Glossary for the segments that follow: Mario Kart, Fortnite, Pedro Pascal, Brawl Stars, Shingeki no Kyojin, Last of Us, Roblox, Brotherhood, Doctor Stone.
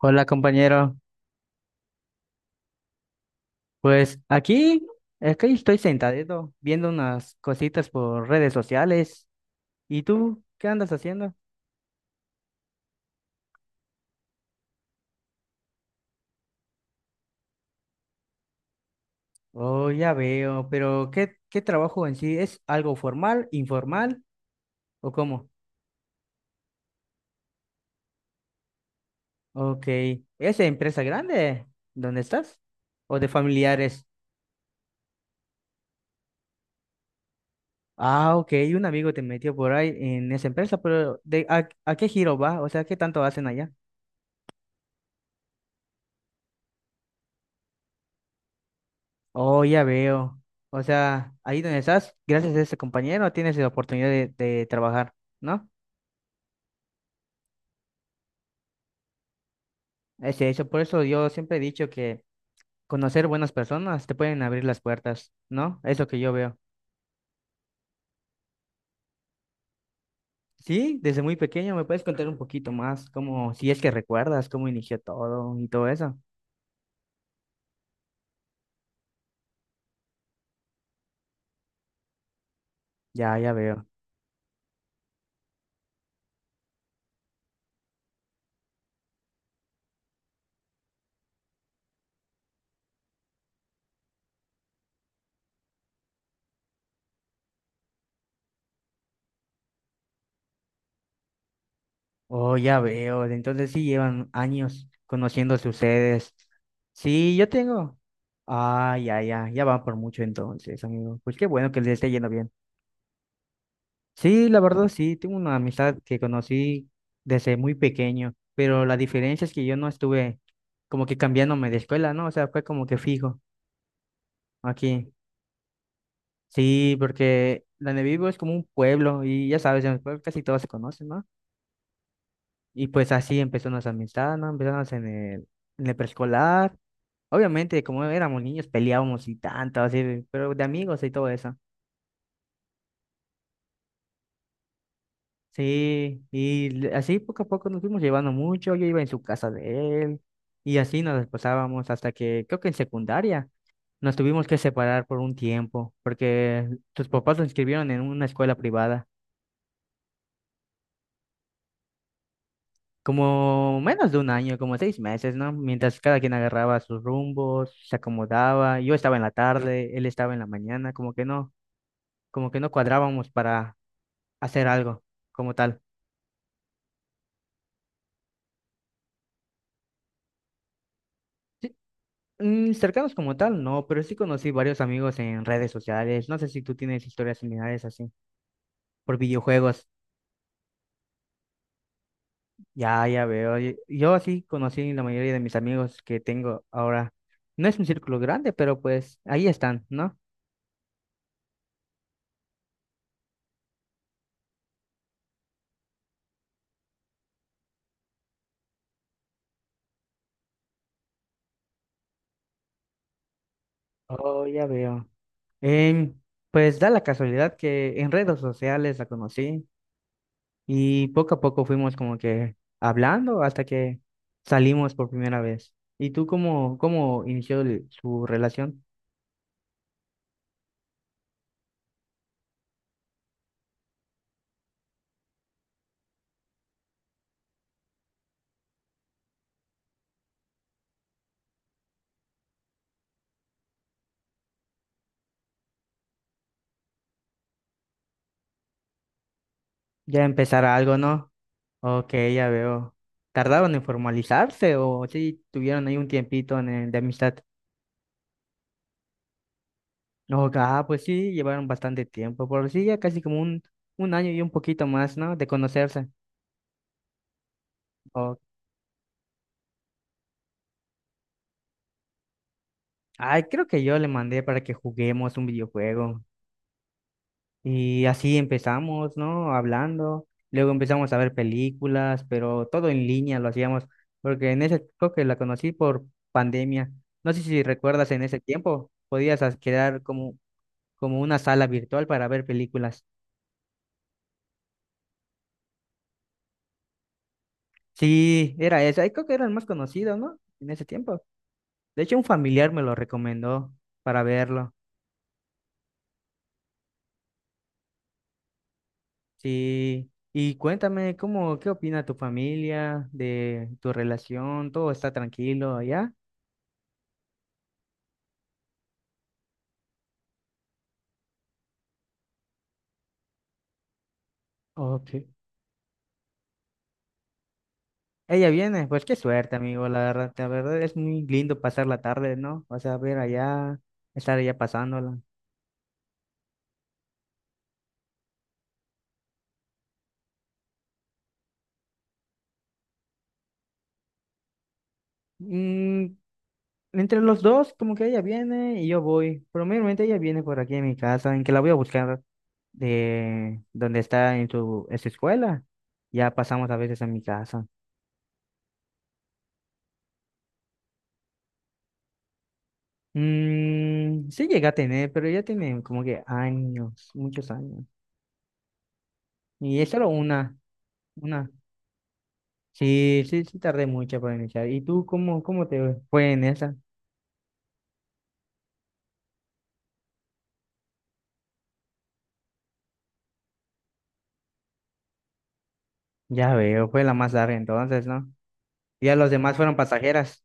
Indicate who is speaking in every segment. Speaker 1: Hola compañero, pues aquí es que estoy sentadito viendo unas cositas por redes sociales. ¿Y tú qué andas haciendo? Oh, ya veo, pero ¿qué trabajo en sí? ¿Es algo formal, informal o cómo? Ok, ¿es de empresa grande donde estás? ¿O de familiares? Ah, ok, un amigo te metió por ahí en esa empresa, pero ¿de, a qué giro va? O sea, ¿qué tanto hacen allá? Oh, ya veo. O sea, ahí donde estás, gracias a ese compañero, tienes la oportunidad de trabajar, ¿no? Es eso, por eso yo siempre he dicho que conocer buenas personas te pueden abrir las puertas, ¿no? Es lo que yo veo. Sí, desde muy pequeño, ¿me puedes contar un poquito más? Cómo, si es que recuerdas cómo inició todo y todo eso. Ya, ya veo. Oh, ya veo. Entonces sí llevan años conociéndose ustedes. Sí, yo tengo. Ah, ya, ya, ya van por mucho entonces, amigo. Pues qué bueno que les esté yendo bien. Sí, la verdad sí, tengo una amistad que conocí desde muy pequeño, pero la diferencia es que yo no estuve como que cambiándome de escuela, ¿no? O sea, fue como que fijo aquí. Sí, porque donde vivo es como un pueblo y ya sabes, en el pueblo casi todos se conocen, ¿no? Y pues así empezó nuestra amistad, ¿no? Empezamos en en el preescolar. Obviamente, como éramos niños, peleábamos y tanto, así, pero de amigos y todo eso. Sí, y así poco a poco nos fuimos llevando mucho, yo iba en su casa de él y así nos desposábamos hasta que creo que en secundaria nos tuvimos que separar por un tiempo porque tus papás lo inscribieron en una escuela privada, como menos de un año, como 6 meses, ¿no? Mientras cada quien agarraba sus rumbos, se acomodaba, yo estaba en la tarde, él estaba en la mañana, como que no cuadrábamos para hacer algo como tal. Mm, cercanos como tal, no, pero sí conocí varios amigos en redes sociales. No sé si tú tienes historias similares así, por videojuegos. Ya, ya veo. Yo así conocí la mayoría de mis amigos que tengo ahora. No es un círculo grande, pero pues ahí están, ¿no? Oh, ya veo. Em, pues da la casualidad que en redes sociales la conocí y poco a poco fuimos como que hablando hasta que salimos por primera vez. ¿Y tú cómo, cómo inició su relación? Ya empezar algo, ¿no? Ok, ya veo. ¿Tardaron en formalizarse o sí tuvieron ahí un tiempito en el de amistad? No, ah, pues sí, llevaron bastante tiempo, por sí, ya casi como un año y un poquito más, ¿no? De conocerse. O- Ay, creo que yo le mandé para que juguemos un videojuego. Y así empezamos, ¿no? Hablando. Luego empezamos a ver películas, pero todo en línea lo hacíamos, porque en ese creo que la conocí por pandemia. No sé si recuerdas en ese tiempo, podías crear como, como una sala virtual para ver películas. Sí, era esa. Creo que era el más conocido, ¿no? En ese tiempo. De hecho, un familiar me lo recomendó para verlo. Sí. Y cuéntame, ¿cómo, qué opina tu familia de tu relación? ¿Todo está tranquilo allá? Ok. Ella viene, pues qué suerte, amigo, la verdad es muy lindo pasar la tarde, ¿no? O sea, ver allá, estar allá pasándola. Mm, entre los dos, como que ella viene y yo voy. Probablemente ella viene por aquí a mi casa, en que la voy a buscar de donde está en su escuela. Ya pasamos a veces a mi casa. Mm, sí llega a tener, pero ya tiene como que años, muchos años. Y es solo una, una. Sí, sí, sí, tardé mucho para iniciar. ¿Y tú cómo, cómo te fue en esa? Ya veo, fue la más larga entonces, ¿no? Ya los demás fueron pasajeras.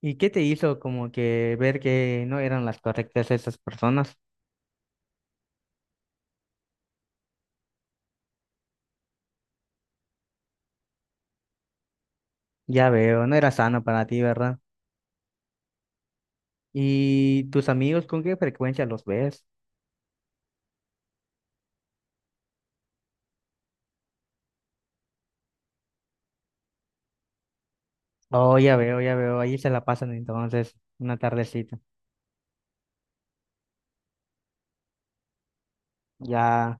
Speaker 1: ¿Y qué te hizo como que ver que no eran las correctas esas personas? Ya veo, no era sano para ti, ¿verdad? ¿Y tus amigos con qué frecuencia los ves? Oh, ya veo, ahí se la pasan entonces, una tardecita. Ya.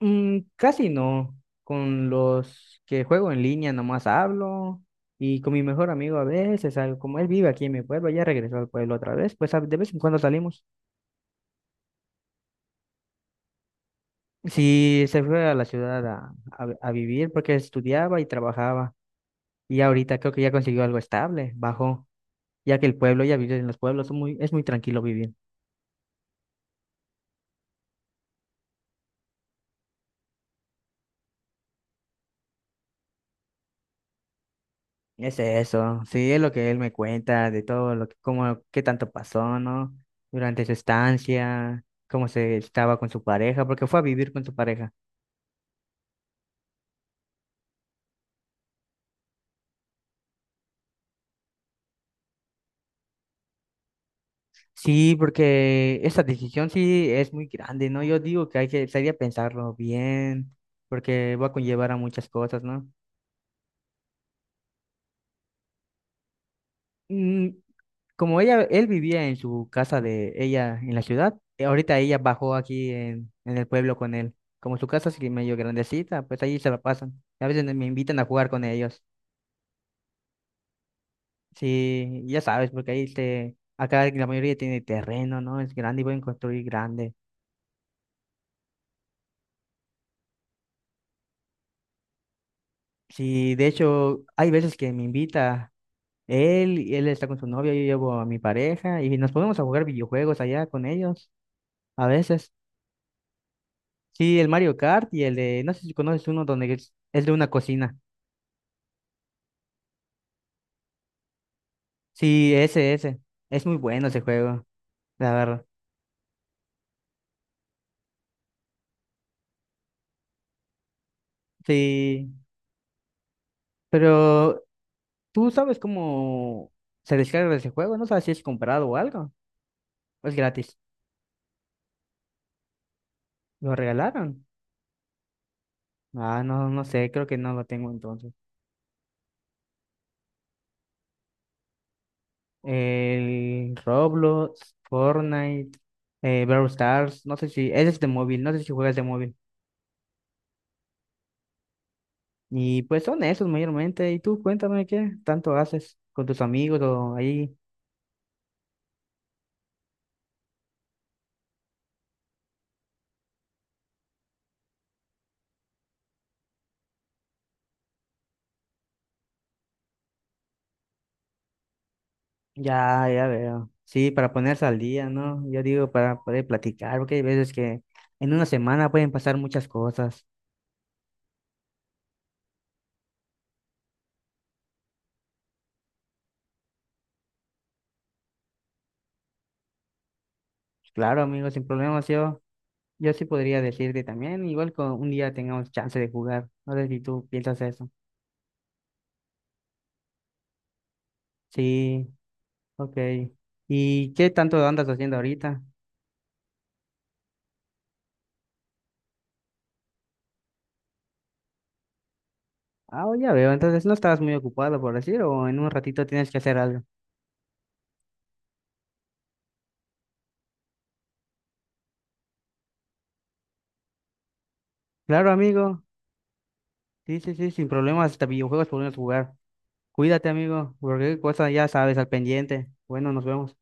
Speaker 1: Mm, casi no. Con los que juego en línea nomás hablo y con mi mejor amigo a veces, salgo. Como él vive aquí en mi pueblo, ya regresó al pueblo otra vez, pues de vez en cuando salimos. Sí, se fue a la ciudad a vivir porque estudiaba y trabajaba y ahorita creo que ya consiguió algo estable, bajó, ya que el pueblo, ya vive en los pueblos, son muy, es muy tranquilo vivir. Es eso, sí, es lo que él me cuenta, de todo lo que, cómo, qué tanto pasó, ¿no? Durante su estancia, cómo se estaba con su pareja, porque fue a vivir con su pareja. Sí, porque esa decisión sí es muy grande, ¿no? Yo digo que hay que, sería pensarlo bien, porque va a conllevar a muchas cosas, ¿no? Mm, como ella, él vivía en su casa de ella en la ciudad, ahorita ella bajó aquí en el pueblo con él. Como su casa es que medio grandecita, pues ahí se la pasan. A veces me invitan a jugar con ellos. Sí, ya sabes, porque ahí se, acá la mayoría tiene terreno, ¿no? Es grande y pueden construir grande. Sí, de hecho, hay veces que me invita él, y él está con su novia, yo llevo a mi pareja y nos ponemos a jugar videojuegos allá con ellos, a veces. Sí, el Mario Kart y el de, no sé si conoces uno donde es de una cocina. Sí, ese, ese. Es muy bueno ese juego, la verdad. Sí, pero tú sabes cómo se descarga ese juego, no sabes si es comprado o algo. ¿O es gratis? ¿Lo regalaron? Ah, no, no sé, creo que no lo tengo entonces. El Roblox, Fortnite, Brawl Stars, no sé si, ese es de móvil, no sé si juegas de móvil. Y pues son esos mayormente. Y tú cuéntame qué tanto haces con tus amigos o ahí. Ya, ya veo. Sí, para ponerse al día, ¿no? Yo digo para poder platicar, porque hay veces que en una semana pueden pasar muchas cosas. Claro, amigo, sin problemas, yo sí podría decirte también, igual con un día tengamos chance de jugar. No sé si tú piensas eso. Sí, ok. ¿Y qué tanto andas haciendo ahorita? Ah, ya veo, entonces no estabas muy ocupado, por decir, o en un ratito tienes que hacer algo. Claro, amigo. Sí, sí, sí, sin problemas, hasta videojuegos podemos jugar. Cuídate, amigo, porque cualquier cosa ya sabes, al pendiente. Bueno, nos vemos.